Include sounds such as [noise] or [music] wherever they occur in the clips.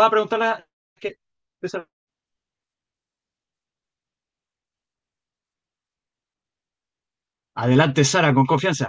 Va a preguntarla. que... Adelante, Sara, con confianza.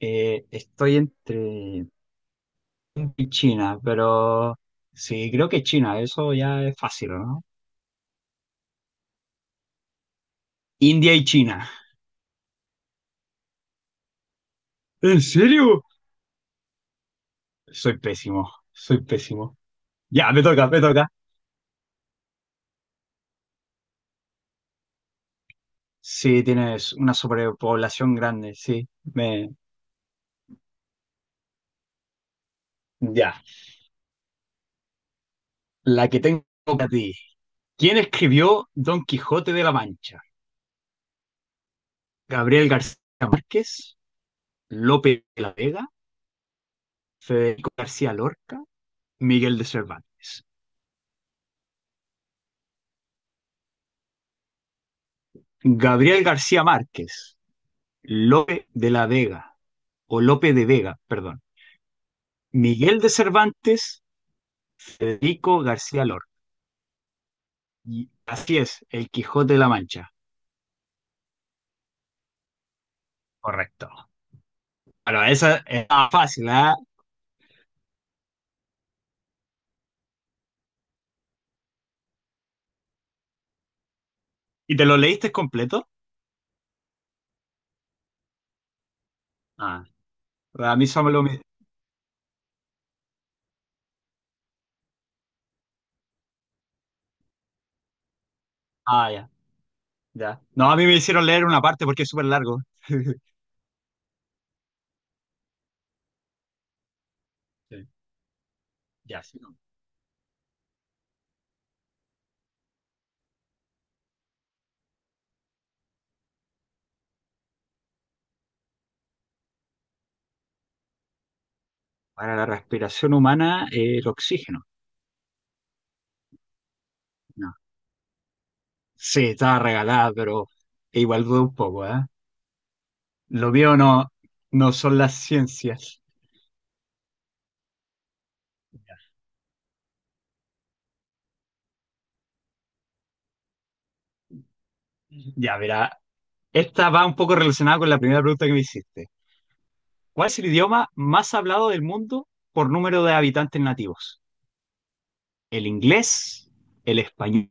Estoy entre India y China, pero sí, creo que China, eso ya es fácil, ¿no? India y China. ¿En serio? Soy pésimo, soy pésimo. Ya, me toca, me toca. Sí, tienes una sobrepoblación grande, sí. Me... Ya. La que tengo para ti. ¿Quién escribió Don Quijote de la Mancha? ¿Gabriel García Márquez? ¿Lope de la Vega? ¿Federico García Lorca? Miguel de Cervantes. Gabriel García Márquez, Lope de la Vega, o Lope de Vega, perdón. Miguel de Cervantes, Federico García Lorca. Y así es, El Quijote de la Mancha. Correcto. Bueno, esa es fácil, ¿ah? ¿Y te lo leíste completo? Ah, a mí solo me lo... Ah, ya, ya. No, a mí me hicieron leer una parte porque es súper largo. [laughs] Sí, ya, sí, no. Para la respiración humana, el oxígeno. No. Sí, estaba regalada, pero igual dudo un poco, ¿eh? Lo mío no, no son las ciencias. Ya, mira, esta va un poco relacionada con la primera pregunta que me hiciste. ¿Cuál es el idioma más hablado del mundo por número de habitantes nativos? ¿El inglés, el español,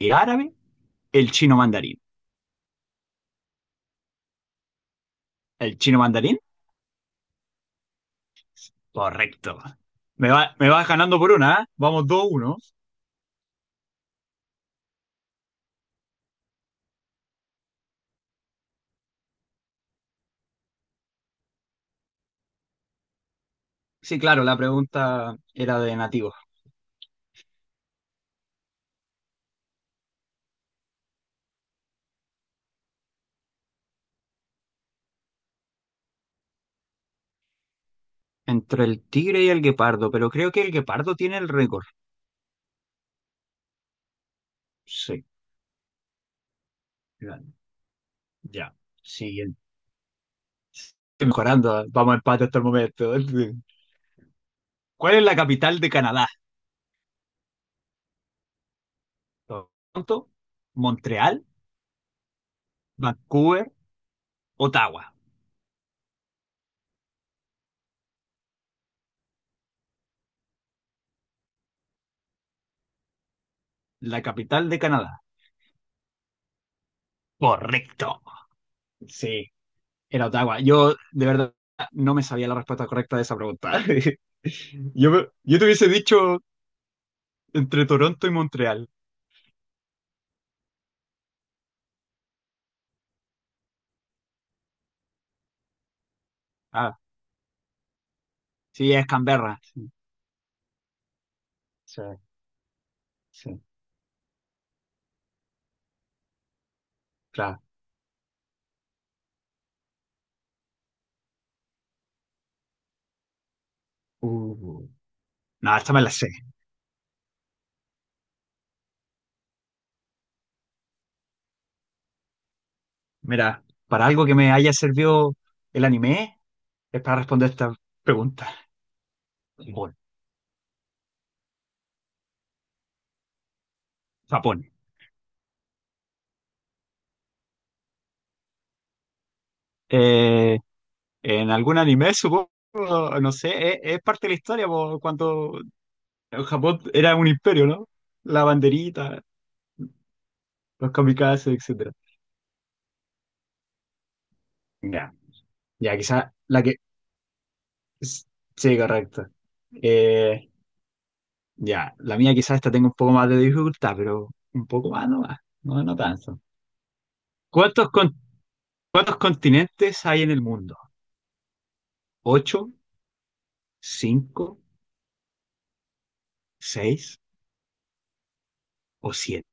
el árabe, el chino mandarín? ¿El chino mandarín? Correcto. Me vas ganando por una, ¿eh? Vamos dos uno. Sí, claro, la pregunta era de nativos. Entre el tigre y el guepardo, pero creo que el guepardo tiene el récord. Sí, ya. Siguiente. Estoy mejorando, vamos a empate hasta el momento. [laughs] ¿Cuál es la capital de Canadá? Toronto, Montreal, Vancouver, Ottawa. La capital de Canadá. Correcto. Sí, era Ottawa. Yo, de verdad, no me sabía la respuesta correcta de esa pregunta. [laughs] Yo te hubiese dicho entre Toronto y Montreal. Ah, sí, es Canberra. Sí, sí, sí, claro. Uh. No, esta me la sé. Mira, para algo que me haya servido el anime, es para responder esta pregunta. Japón. Japón. Eh, en algún anime, supongo, no sé, es parte de la historia, po, cuando Japón era un imperio, ¿no? La banderita, los kamikazes, etcétera. Ya, ya, quizás la que... Sí, correcto. Eh, ya, la mía quizás esta tengo un poco más de dificultad, pero un poco más nomás, no, no tanto. ¿Cuántos con- ¿Cuántos continentes hay en el mundo? ¿Ocho, cinco, seis o siete?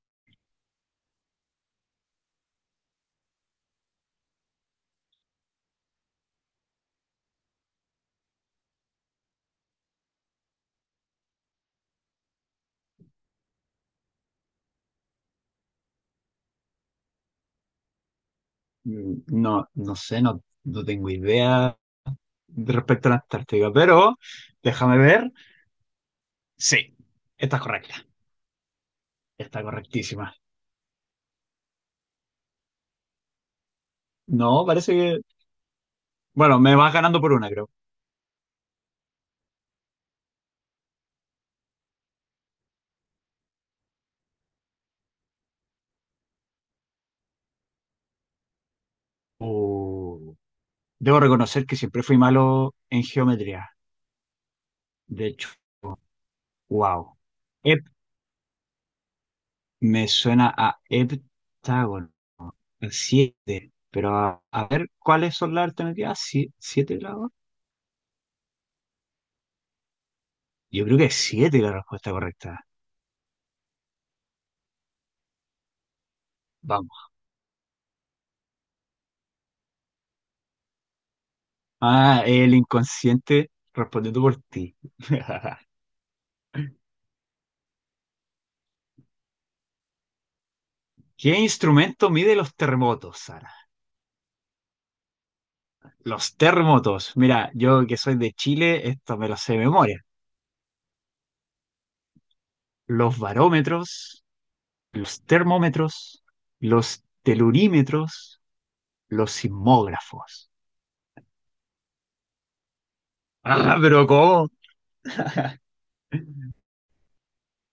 No, no sé, no, no tengo idea respecto a la Antártica, pero déjame ver. Sí, está correcta, está correctísima. No, parece que... Bueno, me vas ganando por una, creo. Uh, Debo reconocer que siempre fui malo en geometría. De hecho, wow. Me suena a heptágono, a siete. Pero a ver, ¿cuáles son las alternativas? ¿Siete grados? Yo creo que es siete la respuesta correcta. Vamos. Ah, el inconsciente respondiendo por ti. [laughs] ¿Qué instrumento mide los terremotos, Sara? Los terremotos. Mira, yo que soy de Chile, esto me lo sé de memoria. Los barómetros, los termómetros, los telurímetros, los sismógrafos. Ah, pero ¿cómo?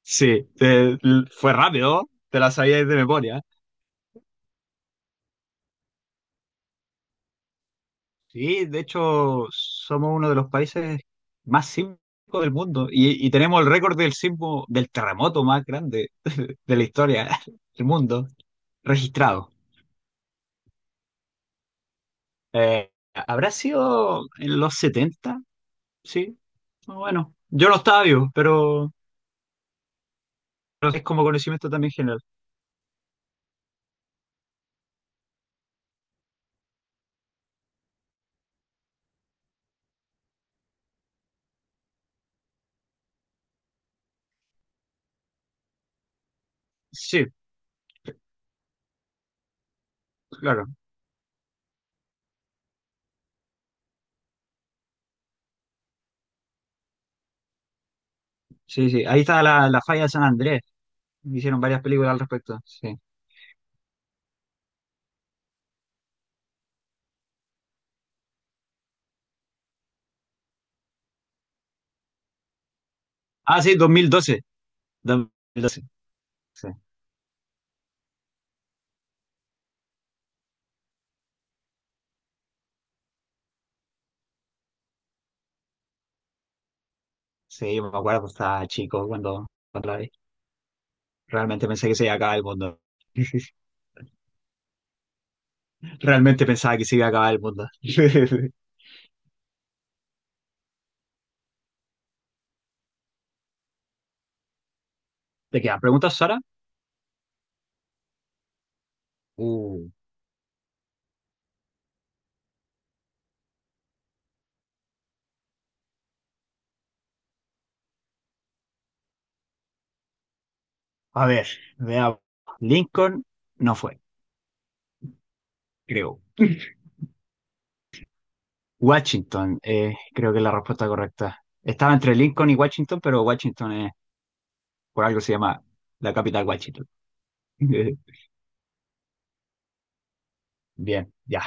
Sí, fue rápido, te la sabías de memoria. Sí, de hecho, somos uno de los países más sísmicos del mundo y tenemos el récord del sismo, del terremoto más grande de la historia [laughs] del mundo registrado. ¿Habrá sido en los 70, sí, bueno, yo no estaba vivo, pero es como conocimiento también general. Sí, claro, sí, sí, ahí está la falla de San Andrés, hicieron varias películas al respecto. Sí. Ah, sí, 2012. 2012. Sí, sí, yo me acuerdo, estaba chico cuando la vi. Realmente pensé que se iba a acabar el mundo. [laughs] Realmente pensaba que se iba a acabar el mundo. [laughs] ¿Te quedan preguntas, Sara? Uh, A ver, veamos. Lincoln no fue, creo. Washington, creo que es la respuesta correcta. Estaba entre Lincoln y Washington, pero Washington es, por algo se llama la capital Washington. [laughs] Bien, ya.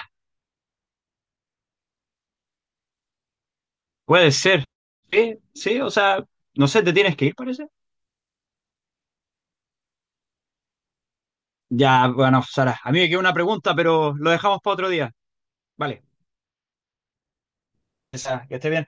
Puede ser. Sí, sí, o sea, no sé, te tienes que ir, parece. Ya, bueno, Sara, a mí me queda una pregunta, pero lo dejamos para otro día. Vale, Sara, que esté bien.